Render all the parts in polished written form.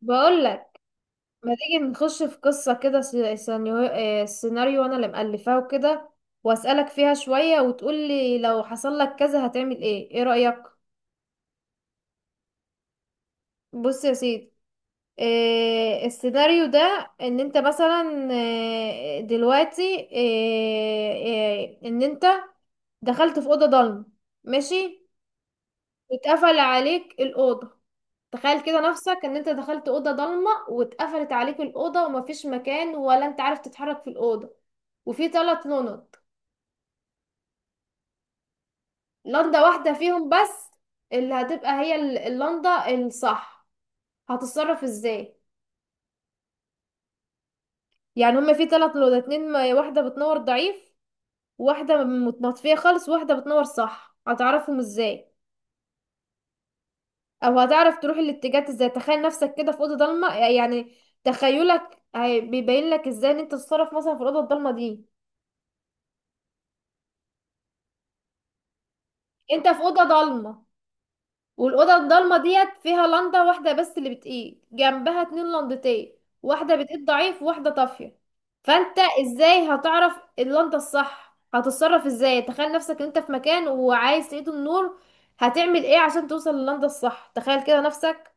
بقول لك. ما تيجي نخش في قصة كده، سيناريو، انا اللي مألفاه وكده، واسألك فيها شوية وتقول لي لو حصل لك كذا هتعمل ايه؟ ايه رأيك؟ بص يا سيدي. السيناريو ده ان انت مثلا دلوقتي ان انت دخلت في أوضة ضلمة. ماشي. واتقفل عليك الأوضة. تخيل كده نفسك ان انت دخلت أوضة ضلمة واتقفلت عليك الأوضة ومفيش مكان، ولا انت عارف تتحرك في الأوضة. وفي ثلاث لنض، لنضة واحدة فيهم بس اللي هتبقى هي اللنضة الصح. هتتصرف ازاي؟ يعني هما في ثلاث لنض، اتنين واحدة بتنور ضعيف، واحدة متنطفية خالص، واحدة بتنور صح. هتعرفهم ازاي، او هتعرف تروح الاتجاهات ازاي؟ تخيل نفسك كده في اوضه ضلمه يعني. تخيلك بيبين لك ازاي ان انت تتصرف مثلا في الاوضه الضلمه دي. انت في اوضه ضلمه، والاوضه الضلمه ديت فيها لنده واحده بس اللي بتقيد، جنبها اتنين لندتين، واحده بتقيد ضعيف وواحده طافيه. فانت ازاي هتعرف اللنده الصح؟ هتتصرف ازاي؟ تخيل نفسك ان انت في مكان وعايز تقيد النور. هتعمل ايه عشان توصل للنده الصح؟ تخيل كده نفسك.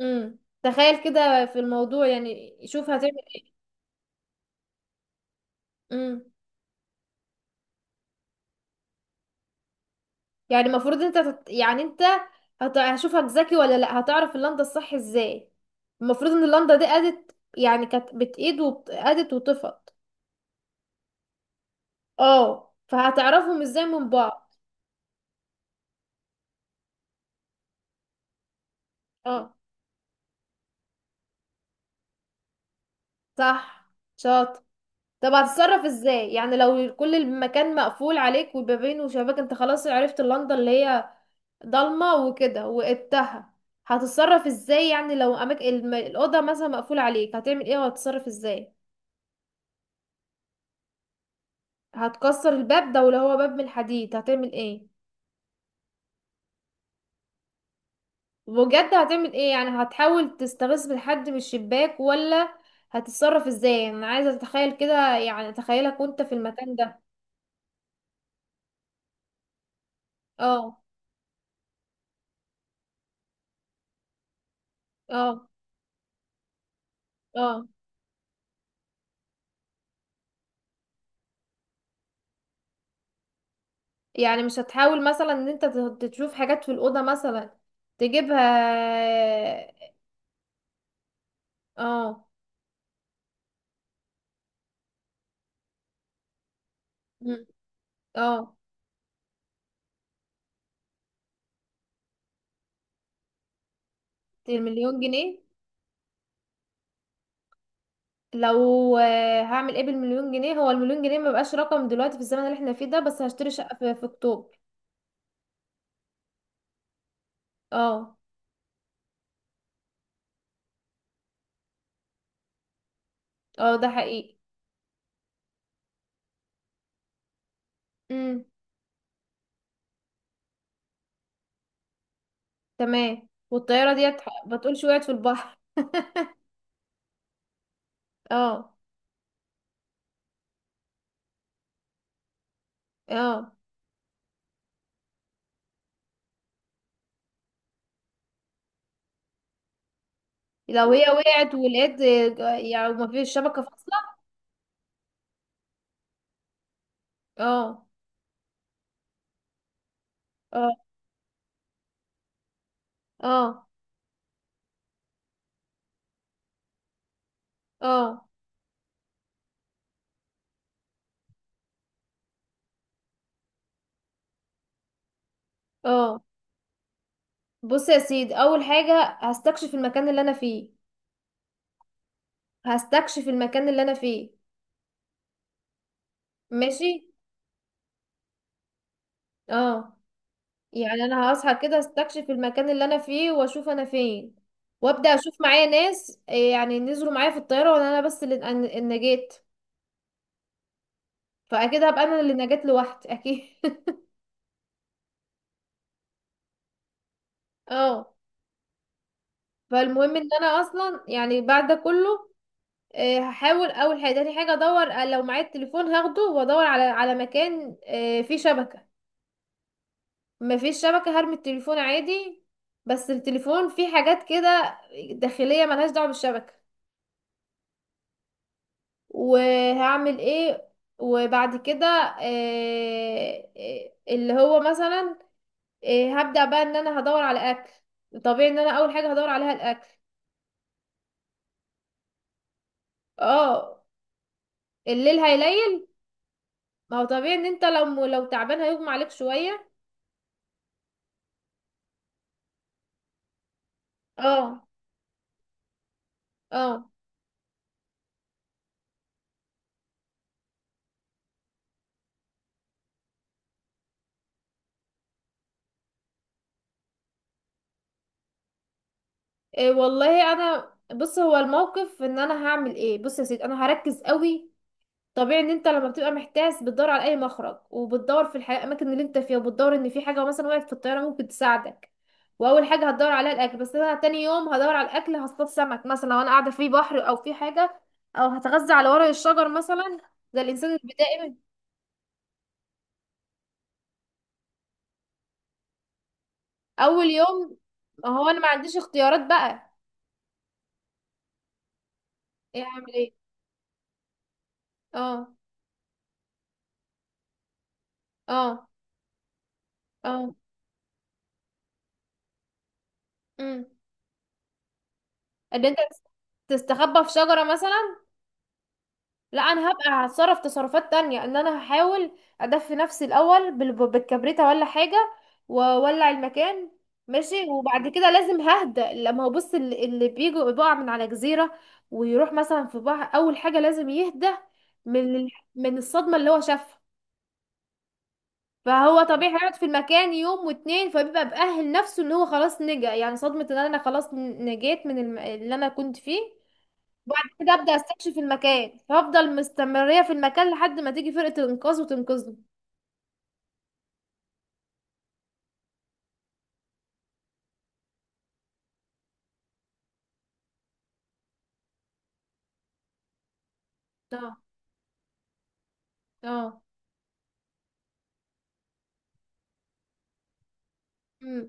تخيل كده في الموضوع يعني، شوف هتعمل. امم يعني المفروض انت يعني انت هشوفك ذكي ولا لا، هتعرف اللنده الصح ازاي؟ المفروض ان اللنده دي قادت يعني، كانت بتقيد وقادت وطفت. اه، فهتعرفهم ازاي من بعض. اه، صح. شاطر. طب هتتصرف ازاي يعني لو كل المكان مقفول عليك، وبابين وشباك، انت خلاص عرفت اللنده اللي هي ضلمه وكده وقدتها، هتتصرف ازاي؟ يعني لو اماكن الاوضه مثلا مقفوله عليك، هتعمل ايه وهتتصرف ازاي؟ هتكسر الباب ده؟ ولو هو باب من الحديد، هتعمل ايه؟ بجد، هتعمل ايه يعني؟ هتحاول تستغيث بالحد من الشباك، ولا هتتصرف ازاي؟ يعني انا عايزه اتخيل كده، يعني اتخيلك وانت في المكان ده. اه. اه. اه. يعني مش هتحاول مثلا ان انت تشوف حاجات في الاوضه مثلا تجيبها؟ اه. مم. اه. المليون جنيه. لو هعمل ايه بالمليون جنيه؟ هو المليون جنيه مبقاش رقم دلوقتي في الزمن اللي احنا فيه ده. بس هشتري شقه في اكتوبر. اه. اه، ده حقيقي. امم. تمام. والطيارة ديت ما تقولش وقعت في البحر اه. اه، لو هي وقعت ولقيت. يعني ما فيش شبكة فاصلة. اه. اه. اه. اه. اه. بص يا سيدي، اول حاجة هستكشف المكان اللي انا فيه. هستكشف المكان اللي انا فيه. ماشي. اه. يعني انا هصحى كده، استكشف المكان اللي انا فيه واشوف انا فين. وابدا اشوف معايا ناس يعني نزلوا معايا في الطياره، ولا انا بس اللي إن نجيت. فاكيد هبقى انا اللي نجات لوحدي اكيد اه. فالمهم ان انا اصلا يعني بعد ده كله هحاول اول حاجه. تاني حاجه ادور لو معايا التليفون هاخده وادور على مكان فيه شبكه. ما فيش شبكه، هرمي التليفون عادي. بس التليفون فيه حاجات كده داخليه ملهاش دعوه بالشبكه. وهعمل ايه وبعد كده اللي هو مثلا هبدا بقى ان انا هدور على اكل. طبيعي ان انا اول حاجه هدور عليها الاكل. اه، الليل هيليل. ما هو طبيعي ان انت لو تعبان هيغمى عليك شوية. اه. اه. إيه والله، انا بص، هو الموقف ان انا هعمل ايه. بص يا سيدي، انا هركز قوي. طبيعي ان انت لما بتبقى محتاس بتدور على اي مخرج، وبتدور في الحياة الاماكن اللي انت فيها، وبتدور ان في حاجة مثلا وقعت في الطيارة ممكن تساعدك. واول حاجة هتدور عليها الاكل، بس انا تاني يوم هدور على الاكل. هصطاد سمك مثلا لو انا قاعدة في بحر او في حاجة، او هتغذى على ورق الشجر مثلا، زي الانسان البدائي. اول يوم. هو انا ما عنديش اختيارات بقى. ايه، اعمل ايه. اه. اه. اه. امم ان انت تستخبى في شجرة مثلا. لا، انا هبقى هتصرف تصرفات تانية. ان انا هحاول ادفي نفسي الاول بالكبريتة ولا حاجة، واولع المكان. ماشي. وبعد كده لازم ههدى. لما هو بص، اللي بيجي بيقع من على جزيرة ويروح مثلا في بحر، اول حاجة لازم يهدى من الصدمة اللي هو شافها. فهو طبيعي هيقعد في المكان يوم واتنين، فبيبقى مأهل نفسه ان هو خلاص نجا. يعني صدمة ان انا خلاص نجيت اللي انا كنت فيه. وبعد كده ابدأ استكشف المكان، فافضل مستمرية في المكان لحد ما تيجي فرقة الانقاذ وتنقذني. اه. اه. أمم.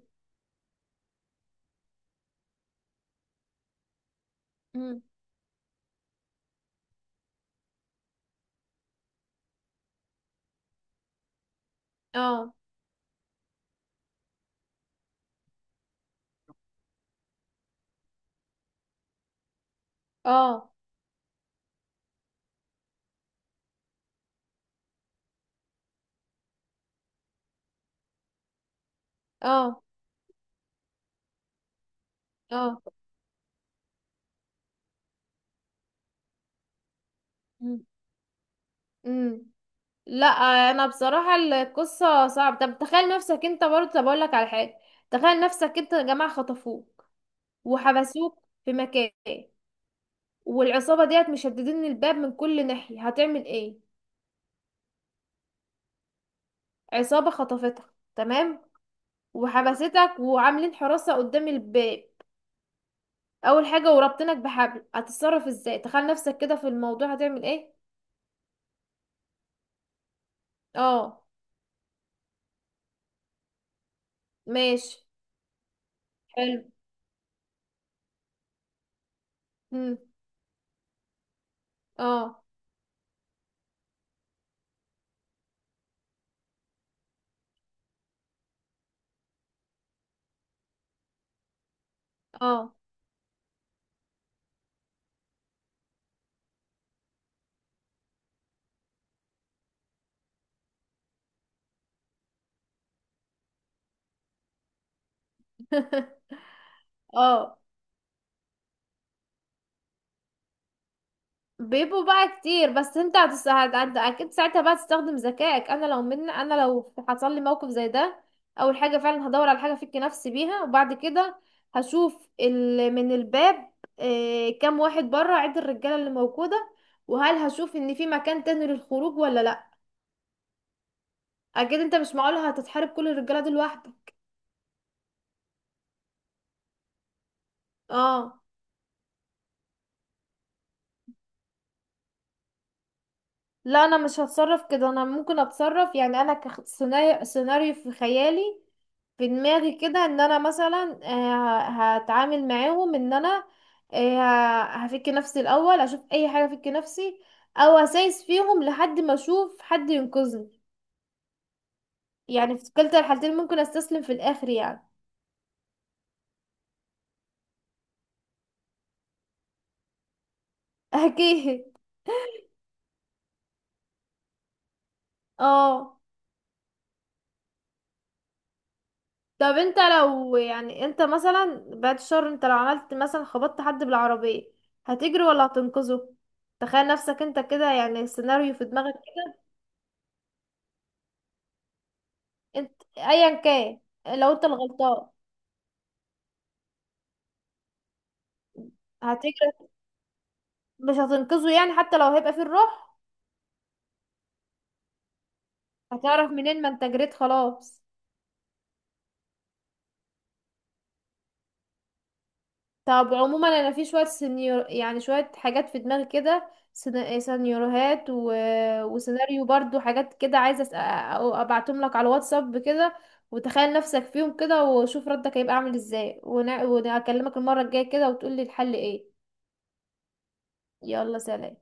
أمم. اه. اه. اه. اه. أمم. أمم. لا، انا بصراحة القصة صعبة. طب تخيل نفسك انت برضه. طب اقول لك على حاجة. تخيل نفسك انت يا جماعة خطفوك وحبسوك في مكان، والعصابة ديت مشددين الباب من كل ناحية، هتعمل ايه؟ عصابة خطفتك، تمام؟ وحبستك وعاملين حراسة قدام الباب. اول حاجة وربطنك بحبل. هتتصرف ازاي؟ تخيل نفسك كده في الموضوع، هتعمل ايه؟ اه. ماشي. حلو. مم. اه. اه. اه. بيبقوا بقى كتير، بس انت اكيد ساعتها بقى تستخدم ذكائك. انا لو حصل لي موقف زي ده، اول حاجه فعلا هدور على حاجه افك نفسي بيها. وبعد كده هشوف من الباب كام واحد بره، عد الرجاله اللي موجوده. وهل هشوف ان في مكان تاني للخروج، ولا لا. اكيد انت مش معقول هتتحارب كل الرجاله دول لوحدك. اه. لا، انا مش هتصرف كده. انا ممكن اتصرف يعني انا سيناريو في خيالي، في دماغي كده، ان انا مثلا هتعامل معاهم ان انا هفك نفسي الاول. اشوف اي حاجه افك نفسي، او اسايس فيهم لحد ما اشوف حد ينقذني. يعني في كلتا الحالتين ممكن استسلم في الاخر يعني. اكيد. اه. طب انت لو، يعني انت مثلا بعد الشر، انت لو عملت مثلا خبطت حد بالعربية، هتجري ولا هتنقذه؟ تخيل نفسك انت كده، يعني سيناريو في دماغك. انت ايا كان، لو انت الغلطان. هتجري مش هتنقذه يعني حتى لو هيبقى فيه الروح؟ هتعرف منين ما انت جريت خلاص. طب عموما انا في شويه سينيور، يعني شويه حاجات في دماغي كده، سيناريوهات وسيناريو برضو حاجات كده عايزه ابعتهم لك على الواتساب كده، وتخيل نفسك فيهم كده وشوف ردك هيبقى عامل ازاي، وهكلمك المره الجايه كده وتقولي الحل ايه. يلا سلام.